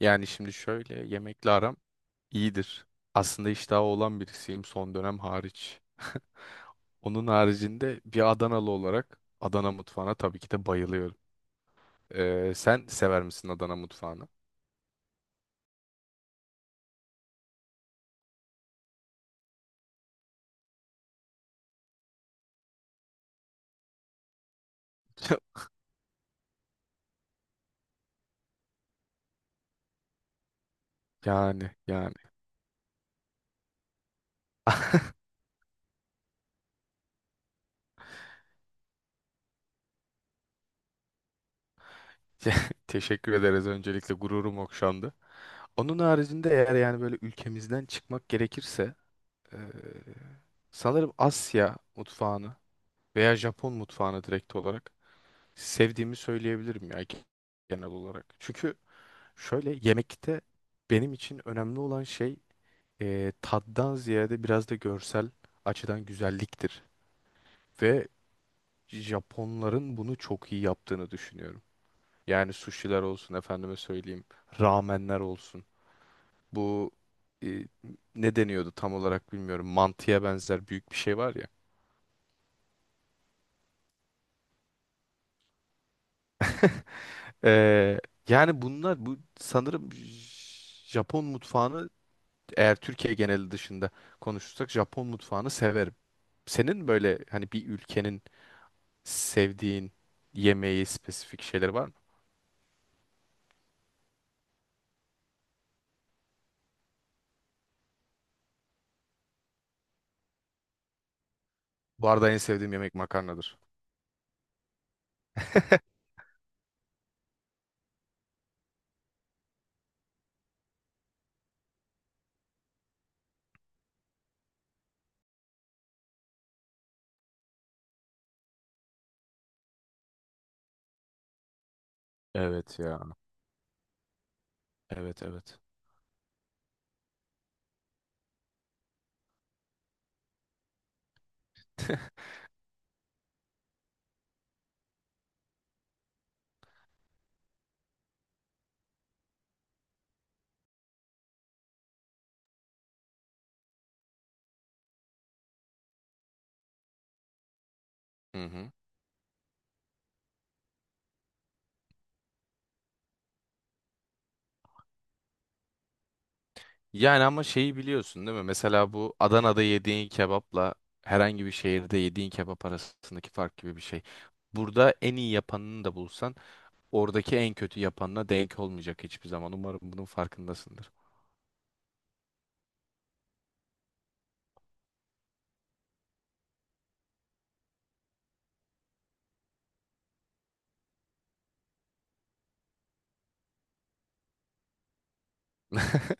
Yani şimdi şöyle yemekle aram iyidir. Aslında iştahı olan birisiyim son dönem hariç. Onun haricinde bir Adanalı olarak Adana mutfağına tabii ki de bayılıyorum. Sen sever misin Adana mutfağını? Yani. Ya, teşekkür ederiz, öncelikle gururum okşandı. Onun haricinde eğer yani böyle ülkemizden çıkmak gerekirse eee, sanırım Asya mutfağını veya Japon mutfağını direkt olarak sevdiğimi söyleyebilirim ya genel olarak. Çünkü şöyle yemekte benim için önemli olan şey tattan ziyade biraz da görsel açıdan güzelliktir. Ve Japonların bunu çok iyi yaptığını düşünüyorum. Yani sushiler olsun, efendime söyleyeyim, ramenler olsun. Bu e, ne deniyordu tam olarak bilmiyorum. Mantıya benzer büyük bir şey var ya. E, Yani bunlar bu sanırım Japon mutfağını, eğer Türkiye geneli dışında konuşursak, Japon mutfağını severim. Senin böyle hani bir ülkenin sevdiğin yemeği, spesifik şeyleri var mı? Bu arada en sevdiğim yemek makarnadır. Evet ya. Evet. Hı hı. Yani ama şeyi biliyorsun değil mi? Mesela bu Adana'da yediğin kebapla herhangi bir şehirde yediğin kebap arasındaki fark gibi bir şey. Burada en iyi yapanını da bulsan oradaki en kötü yapanına denk olmayacak hiçbir zaman. Umarım bunun farkındasındır.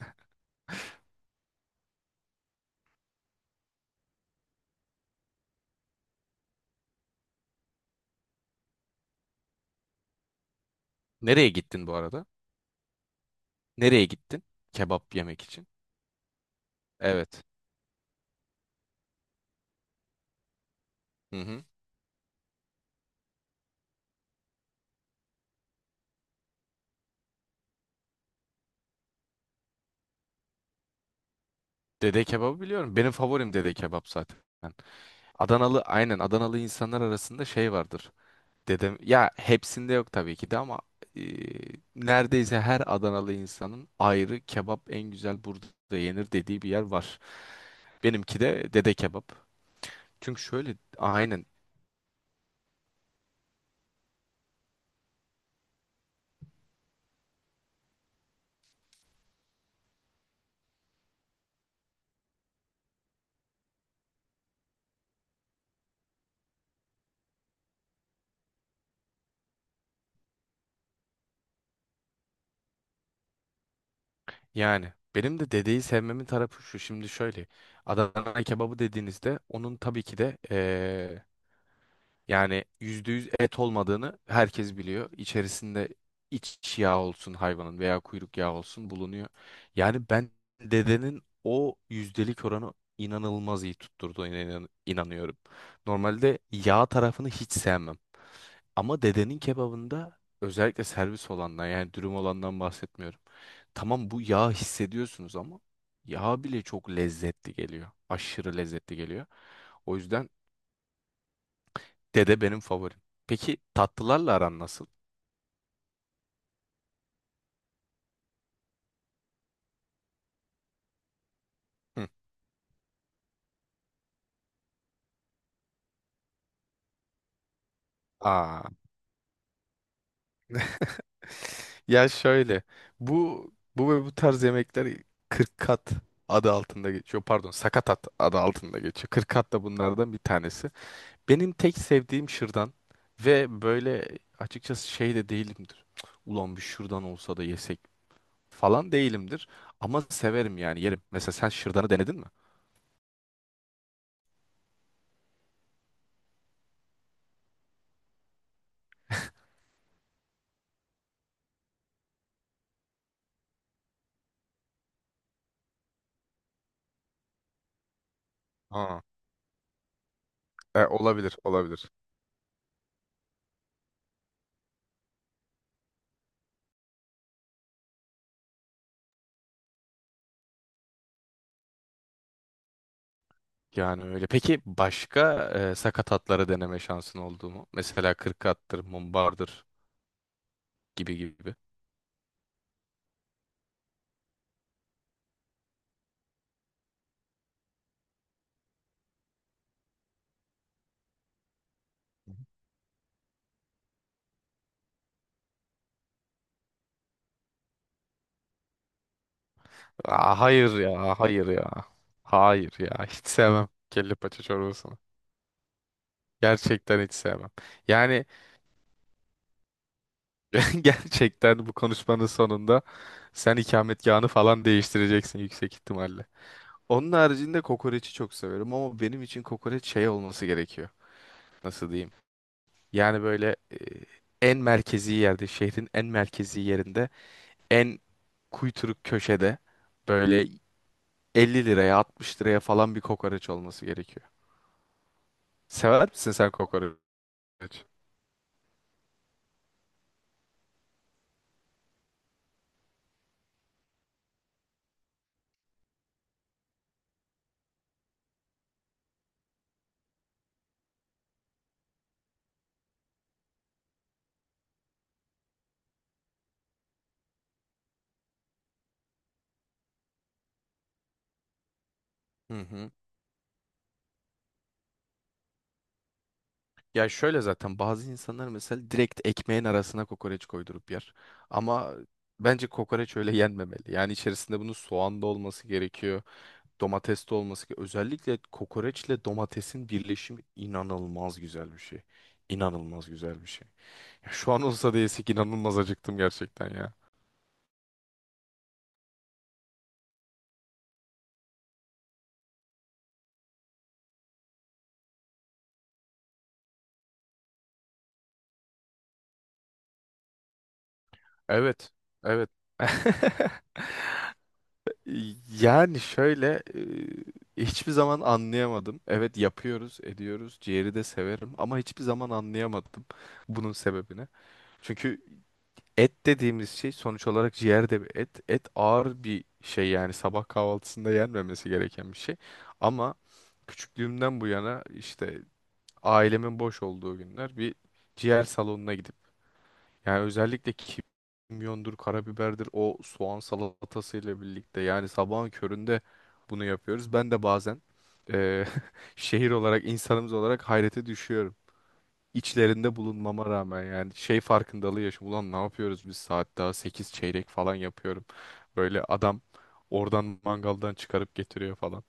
Nereye gittin bu arada? Nereye gittin? Kebap yemek için. Evet. Hı hı. Dede kebabı biliyorum. Benim favorim dede kebap zaten. Adanalı, aynen Adanalı insanlar arasında şey vardır. Dedem, ya hepsinde yok tabii ki de ama e, neredeyse her Adanalı insanın ayrı kebap en güzel burada yenir dediği bir yer var. Benimki de dede kebap. Çünkü şöyle aynen, yani benim de dedeyi sevmemin tarafı şu. Şimdi şöyle Adana kebabı dediğinizde onun tabii ki de, yani %100 et olmadığını herkes biliyor. İçerisinde iç yağ olsun hayvanın veya kuyruk yağı olsun bulunuyor. Yani ben dedenin o yüzdelik oranı inanılmaz iyi tutturduğuna inanıyorum. Normalde yağ tarafını hiç sevmem. Ama dedenin kebabında, özellikle servis olandan yani dürüm olandan bahsetmiyorum. Tamam, bu yağ hissediyorsunuz ama yağ bile çok lezzetli geliyor. Aşırı lezzetli geliyor. O yüzden dede benim favorim. Peki tatlılarla aran nasıl? Hı. Aa, ya şöyle bu, bu ve bu tarz yemekler 40 kat adı altında geçiyor. Pardon, sakatat adı altında geçiyor. 40 kat da bunlardan bir tanesi. Benim tek sevdiğim şırdan ve böyle, açıkçası şey de değilimdir. Ulan bir şırdan olsa da yesek falan değilimdir. Ama severim, yani yerim. Mesela sen şırdanı denedin mi? Aa, olabilir, olabilir. Yani öyle. Peki başka sakat atları deneme şansın oldu mu? Mesela kırk attır, mumbardır gibi gibi. Aa, hayır ya, hayır ya. Hayır ya, hiç sevmem kelle paça çorbasını. Gerçekten hiç sevmem. Yani gerçekten bu konuşmanın sonunda sen ikametgahını falan değiştireceksin yüksek ihtimalle. Onun haricinde kokoreçi çok severim ama benim için kokoreç şey olması gerekiyor. Nasıl diyeyim? Yani böyle en merkezi yerde, şehrin en merkezi yerinde, en kuyturuk köşede, böyle 50 liraya 60 liraya falan bir kokoreç olması gerekiyor. Sever misin sen kokoreç? Hı hı. Ya şöyle, zaten bazı insanlar mesela direkt ekmeğin arasına kokoreç koydurup yer. Ama bence kokoreç öyle yenmemeli. Yani içerisinde bunun soğan da olması gerekiyor, domates de olması gerekiyor. Özellikle kokoreçle domatesin birleşimi inanılmaz güzel bir şey. İnanılmaz güzel bir şey. Ya şu an olsa da yesek, inanılmaz acıktım gerçekten ya. Evet, evet. Yani şöyle, hiçbir zaman anlayamadım. Evet, yapıyoruz, ediyoruz. Ciğeri de severim ama hiçbir zaman anlayamadım bunun sebebini. Çünkü et dediğimiz şey, sonuç olarak ciğer de bir et. Et ağır bir şey, yani sabah kahvaltısında yenmemesi gereken bir şey. Ama küçüklüğümden bu yana işte ailemin boş olduğu günler bir ciğer salonuna gidip, yani özellikle kimyondur, karabiberdir, o soğan salatasıyla birlikte, yani sabahın köründe bunu yapıyoruz. Ben de bazen eee, şehir olarak, insanımız olarak hayrete düşüyorum. İçlerinde bulunmama rağmen yani şey farkındalığı yaşıyorum. Ulan ne yapıyoruz biz saat daha 8 çeyrek falan yapıyorum. Böyle adam oradan mangaldan çıkarıp getiriyor falan.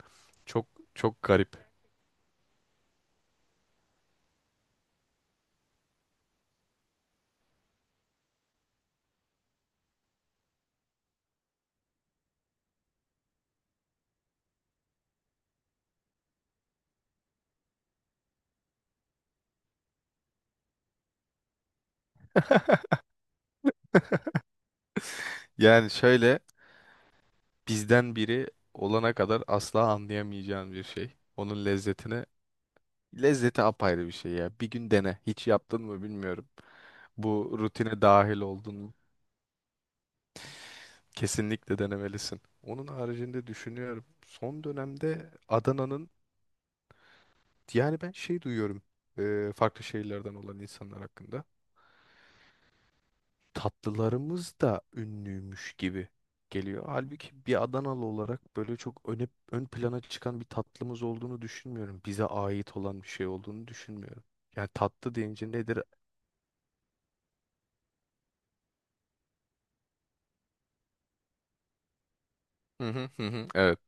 Çok çok garip. Yani şöyle, bizden biri olana kadar asla anlayamayacağın bir şey. Onun lezzetini, lezzeti apayrı bir şey ya. Bir gün dene. Hiç yaptın mı bilmiyorum. Bu rutine dahil oldun mu? Kesinlikle denemelisin. Onun haricinde düşünüyorum. Son dönemde Adana'nın, yani ben şey duyuyorum farklı şehirlerden olan insanlar hakkında. Tatlılarımız da ünlüymüş gibi geliyor. Halbuki bir Adanalı olarak böyle çok öne, ön plana çıkan bir tatlımız olduğunu düşünmüyorum. Bize ait olan bir şey olduğunu düşünmüyorum. Yani tatlı deyince nedir? Hı hı hı. Hı, evet.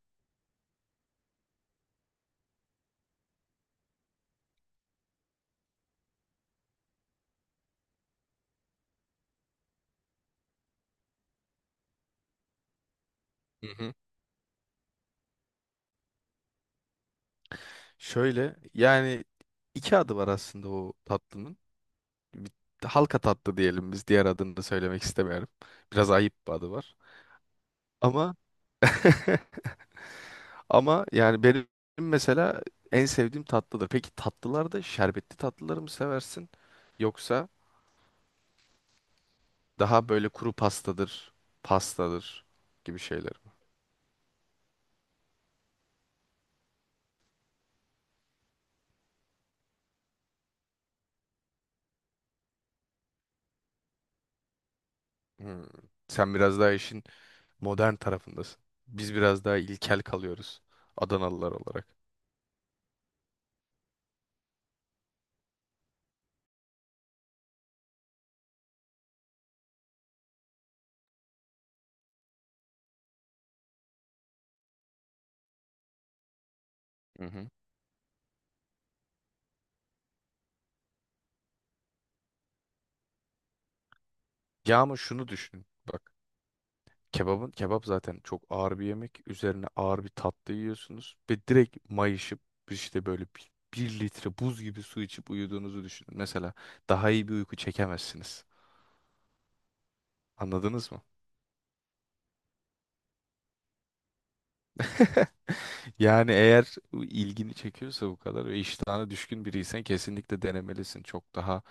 Şöyle yani iki adı var aslında o tatlının. Bir, halka tatlı diyelim biz, diğer adını da söylemek istemiyorum. Biraz ayıp bir adı var. Ama ama yani benim mesela en sevdiğim tatlıdır. Peki tatlılarda şerbetli tatlıları mı seversin, yoksa daha böyle kuru pastadır, pastadır gibi şeyler mi? Hmm. Sen biraz daha işin modern tarafındasın. Biz biraz daha ilkel kalıyoruz Adanalılar olarak. Hı hı. Ya ama şunu düşün. Bak. Kebabın kebap zaten çok ağır bir yemek. Üzerine ağır bir tatlı yiyorsunuz ve direkt mayışıp, işte böyle bir litre buz gibi su içip uyuduğunuzu düşünün. Mesela daha iyi bir uyku çekemezsiniz. Anladınız mı? Yani eğer ilgini çekiyorsa bu kadar ve iştahına düşkün biriysen kesinlikle denemelisin. Çok daha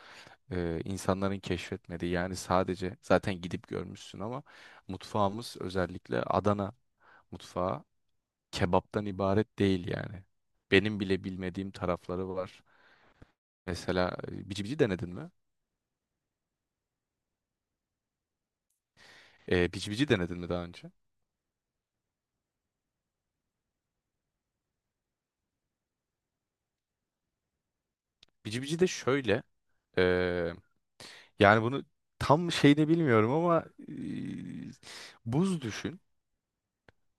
insanların keşfetmediği, yani sadece zaten gidip görmüşsün ama mutfağımız, özellikle Adana mutfağı kebaptan ibaret değil yani. Benim bile bilmediğim tarafları var. Mesela bici bici denedin mi? Bici bici denedin mi daha önce? Bici bici de şöyle. e, Yani bunu tam şeyini bilmiyorum ama buz düşün.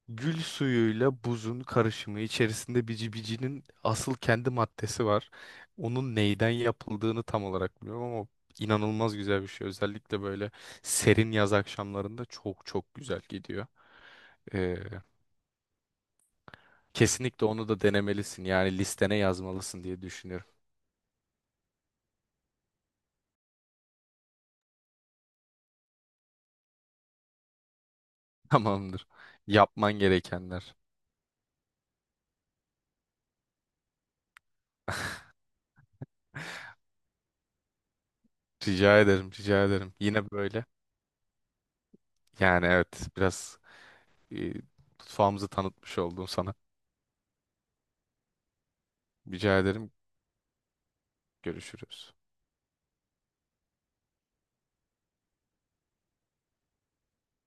Gül suyuyla buzun karışımı içerisinde bici bicinin asıl kendi maddesi var. Onun neyden yapıldığını tam olarak bilmiyorum ama inanılmaz güzel bir şey. Özellikle böyle serin yaz akşamlarında çok güzel gidiyor. E, Kesinlikle onu da denemelisin. Yani listene yazmalısın diye düşünüyorum. Tamamdır. Yapman gerekenler. Rica ederim. Yine böyle. Yani evet, biraz e, mutfağımızı tanıtmış oldum sana. Rica ederim. Görüşürüz.